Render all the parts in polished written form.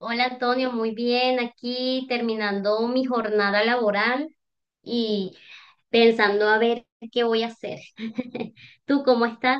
Hola Antonio, muy bien. Aquí terminando mi jornada laboral y pensando a ver qué voy a hacer. ¿Tú cómo estás?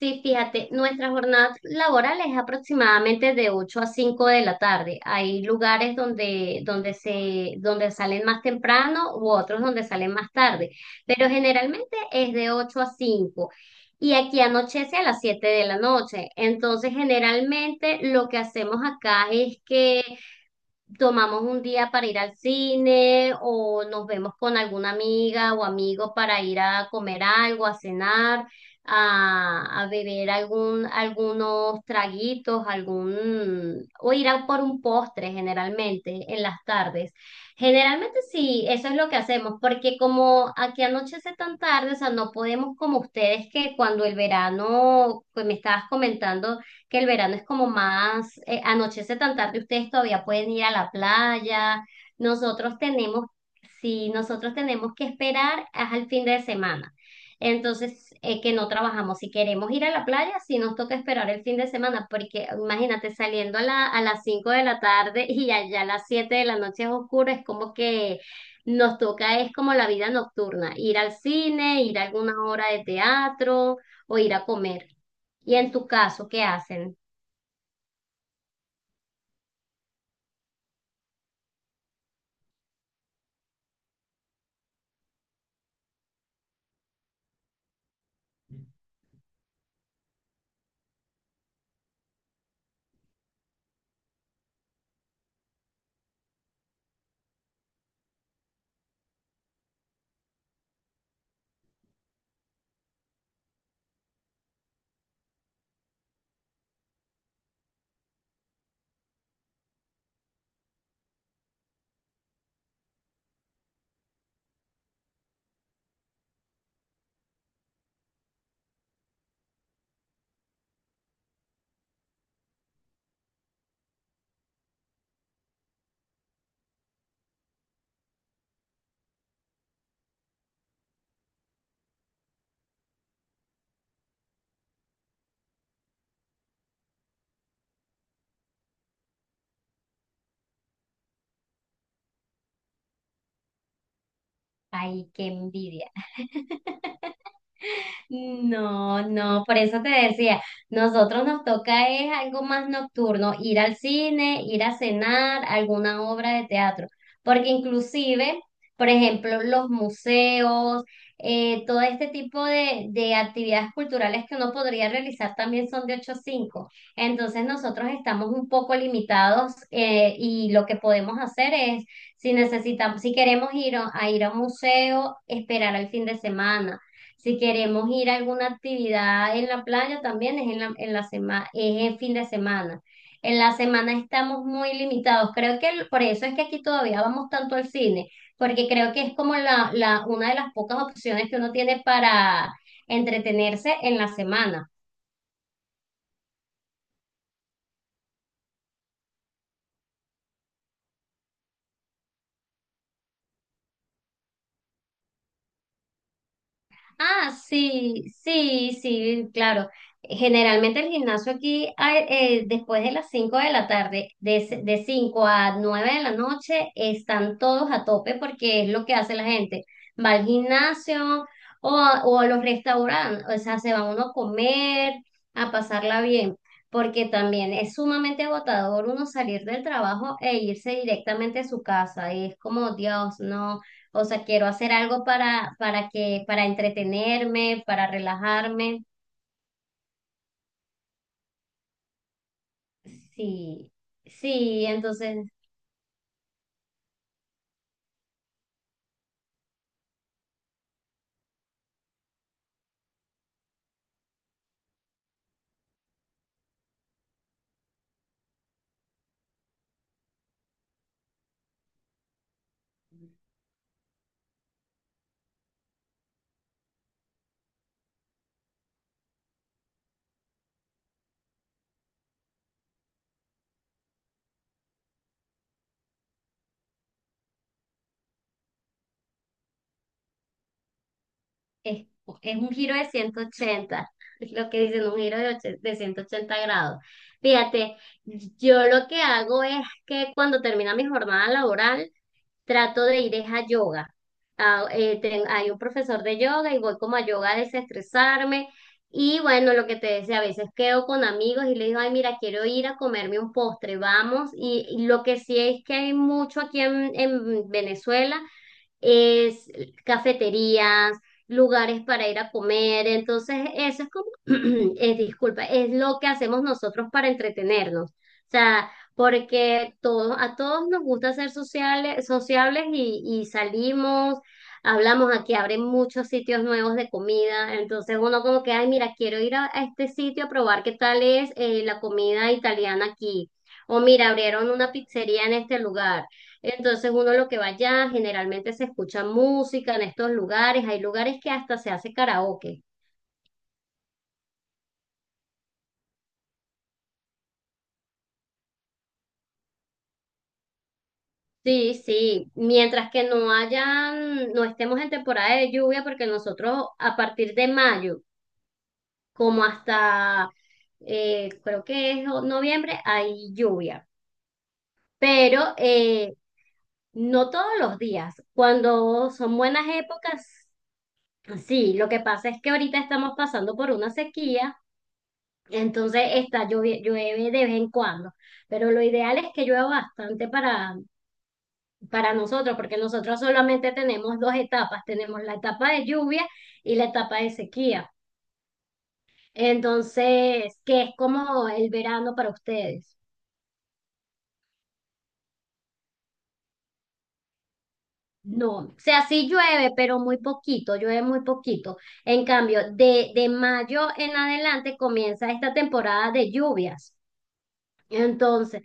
Sí, fíjate, nuestra jornada laboral es aproximadamente de 8 a 5 de la tarde. Hay lugares donde salen más temprano u otros donde salen más tarde, pero generalmente es de 8 a 5. Y aquí anochece a las 7 de la noche. Entonces, generalmente lo que hacemos acá es que tomamos un día para ir al cine o nos vemos con alguna amiga o amigo para ir a comer algo, a cenar, a beber algún, algunos traguitos, o ir a por un postre generalmente en las tardes. Generalmente sí, eso es lo que hacemos, porque como aquí anochece tan tarde, o sea, no podemos como ustedes que cuando el verano, pues me estabas comentando, que el verano es como anochece tan tarde, ustedes todavía pueden ir a la playa. Nosotros tenemos, si nosotros tenemos que esperar al fin de semana. Entonces, que no trabajamos. Si queremos ir a la playa, si nos toca esperar el fin de semana, porque imagínate saliendo a las 5 de la tarde y allá a las 7 de la noche es oscuro, es como que nos toca, es como la vida nocturna, ir al cine, ir a alguna hora de teatro o ir a comer. Y en tu caso, ¿qué hacen? Ay, qué envidia. No, no, por eso te decía, nosotros nos toca es algo más nocturno, ir al cine, ir a cenar, alguna obra de teatro, porque inclusive, por ejemplo, los museos, todo este tipo de actividades culturales que uno podría realizar también son de 8 a 5, entonces nosotros estamos un poco limitados, y lo que podemos hacer es, si necesitamos, si queremos ir a un museo, esperar al fin de semana. Si queremos ir a alguna actividad en la playa, también es en la semana, es el fin de semana. En la semana estamos muy limitados. Creo que por eso es que aquí todavía vamos tanto al cine, porque creo que es como una de las pocas opciones que uno tiene para entretenerse en la semana. Ah, sí, sí, sí, claro. Generalmente el gimnasio aquí hay, después de las 5 de la tarde, de 5 a 9 de la noche, están todos a tope porque es lo que hace la gente. Va al gimnasio o a los restaurantes, o sea, se van uno a comer, a pasarla bien, porque también es sumamente agotador uno salir del trabajo e irse directamente a su casa. Y es como, Dios, no. O sea, quiero hacer algo para entretenerme, para relajarme. Sí, sí, entonces es, es un giro de 180, es lo que dicen, un giro de 180 grados. Fíjate, yo lo que hago es que cuando termina mi jornada laboral, trato de ir es a yoga. Ah, hay un profesor de yoga y voy como a yoga a desestresarme. Y bueno, lo que te decía, a veces quedo con amigos y le digo, ay, mira, quiero ir a comerme un postre, vamos. Y lo que sí es que hay mucho aquí en Venezuela es cafeterías, lugares para ir a comer. Entonces, eso es como, disculpa, es lo que hacemos nosotros para entretenernos. O sea, porque todos, a todos nos gusta ser sociales, sociables y salimos, hablamos aquí, abren muchos sitios nuevos de comida. Entonces uno como que, ay, mira, quiero ir a este sitio a probar qué tal es, la comida italiana aquí. O mira, abrieron una pizzería en este lugar. Entonces uno lo que va allá, generalmente se escucha música en estos lugares, hay lugares que hasta se hace karaoke. Sí, sí, mientras que no hayan, no estemos en temporada de lluvia, porque nosotros a partir de mayo, como hasta, creo que es noviembre, hay lluvia, pero no todos los días. Cuando son buenas épocas, sí, lo que pasa es que ahorita estamos pasando por una sequía. Entonces está llueve, llueve de vez en cuando, pero lo ideal es que llueva bastante para nosotros, porque nosotros solamente tenemos dos etapas, tenemos la etapa de lluvia y la etapa de sequía. Entonces, ¿que es como el verano para ustedes? No, o sea, sí llueve, pero muy poquito, llueve muy poquito. En cambio, de mayo en adelante comienza esta temporada de lluvias. Entonces.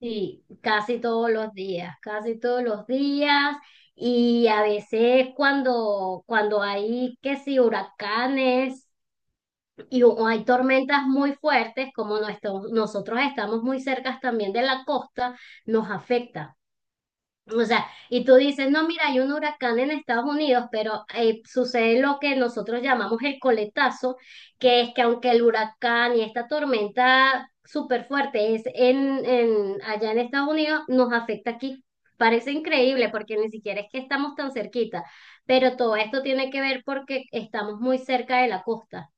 Sí, casi todos los días, casi todos los días. Y a veces cuando hay que si huracanes y o hay tormentas muy fuertes, como nosotros estamos muy cerca también de la costa, nos afecta. O sea, y tú dices, no, mira, hay un huracán en Estados Unidos, pero sucede lo que nosotros llamamos el coletazo, que es que aunque el huracán y esta tormenta súper fuerte es allá en Estados Unidos, nos afecta aquí. Parece increíble porque ni siquiera es que estamos tan cerquita, pero todo esto tiene que ver porque estamos muy cerca de la costa.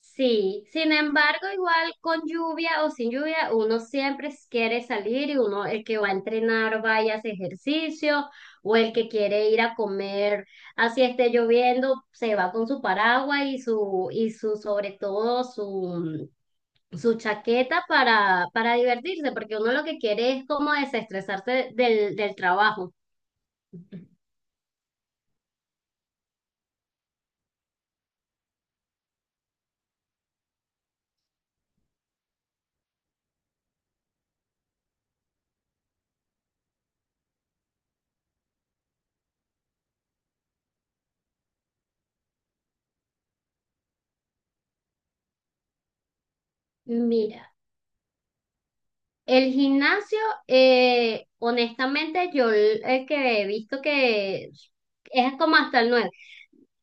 Sí, sin embargo, igual con lluvia o sin lluvia, uno siempre quiere salir y uno, el que va a entrenar, vaya a hacer ejercicio, o el que quiere ir a comer, así esté lloviendo, se va con su paraguas y su, sobre todo, su chaqueta para divertirse, porque uno lo que quiere es como desestresarse del trabajo. Mira, el gimnasio, honestamente, yo el que he visto que es como hasta el nueve.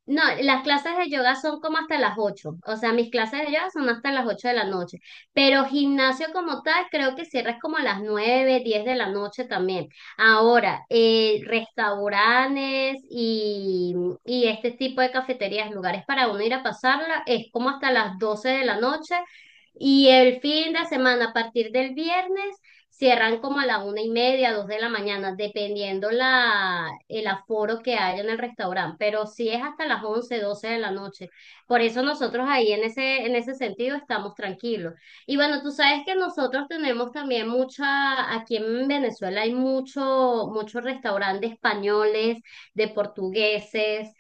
No, las clases de yoga son como hasta las 8. O sea, mis clases de yoga son hasta las 8 de la noche. Pero gimnasio como tal, creo que cierras como a las 9, 10 de la noche también. Ahora, restaurantes y este tipo de cafeterías, lugares para uno ir a pasarla, es como hasta las 12 de la noche. Y el fin de semana, a partir del viernes, cierran como a la 1 y media, 2 de la mañana, dependiendo el aforo que haya en el restaurante, pero sí es hasta las 11, 12 de la noche. Por eso nosotros ahí en ese sentido estamos tranquilos. Y bueno, tú sabes que nosotros tenemos también mucha, aquí en Venezuela hay muchos restaurantes españoles, de portugueses,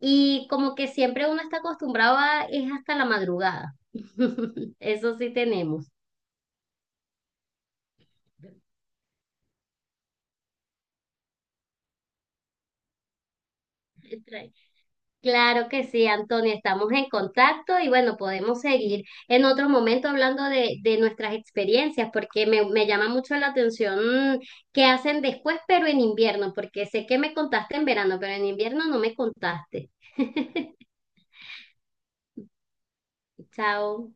y como que siempre uno está acostumbrado a, es hasta la madrugada. Eso sí tenemos. Claro que sí, Antonio, estamos en contacto y bueno, podemos seguir en otro momento hablando de nuestras experiencias, porque me llama mucho la atención, qué hacen después, pero en invierno, porque sé que me contaste en verano, pero en invierno no me contaste. Chao.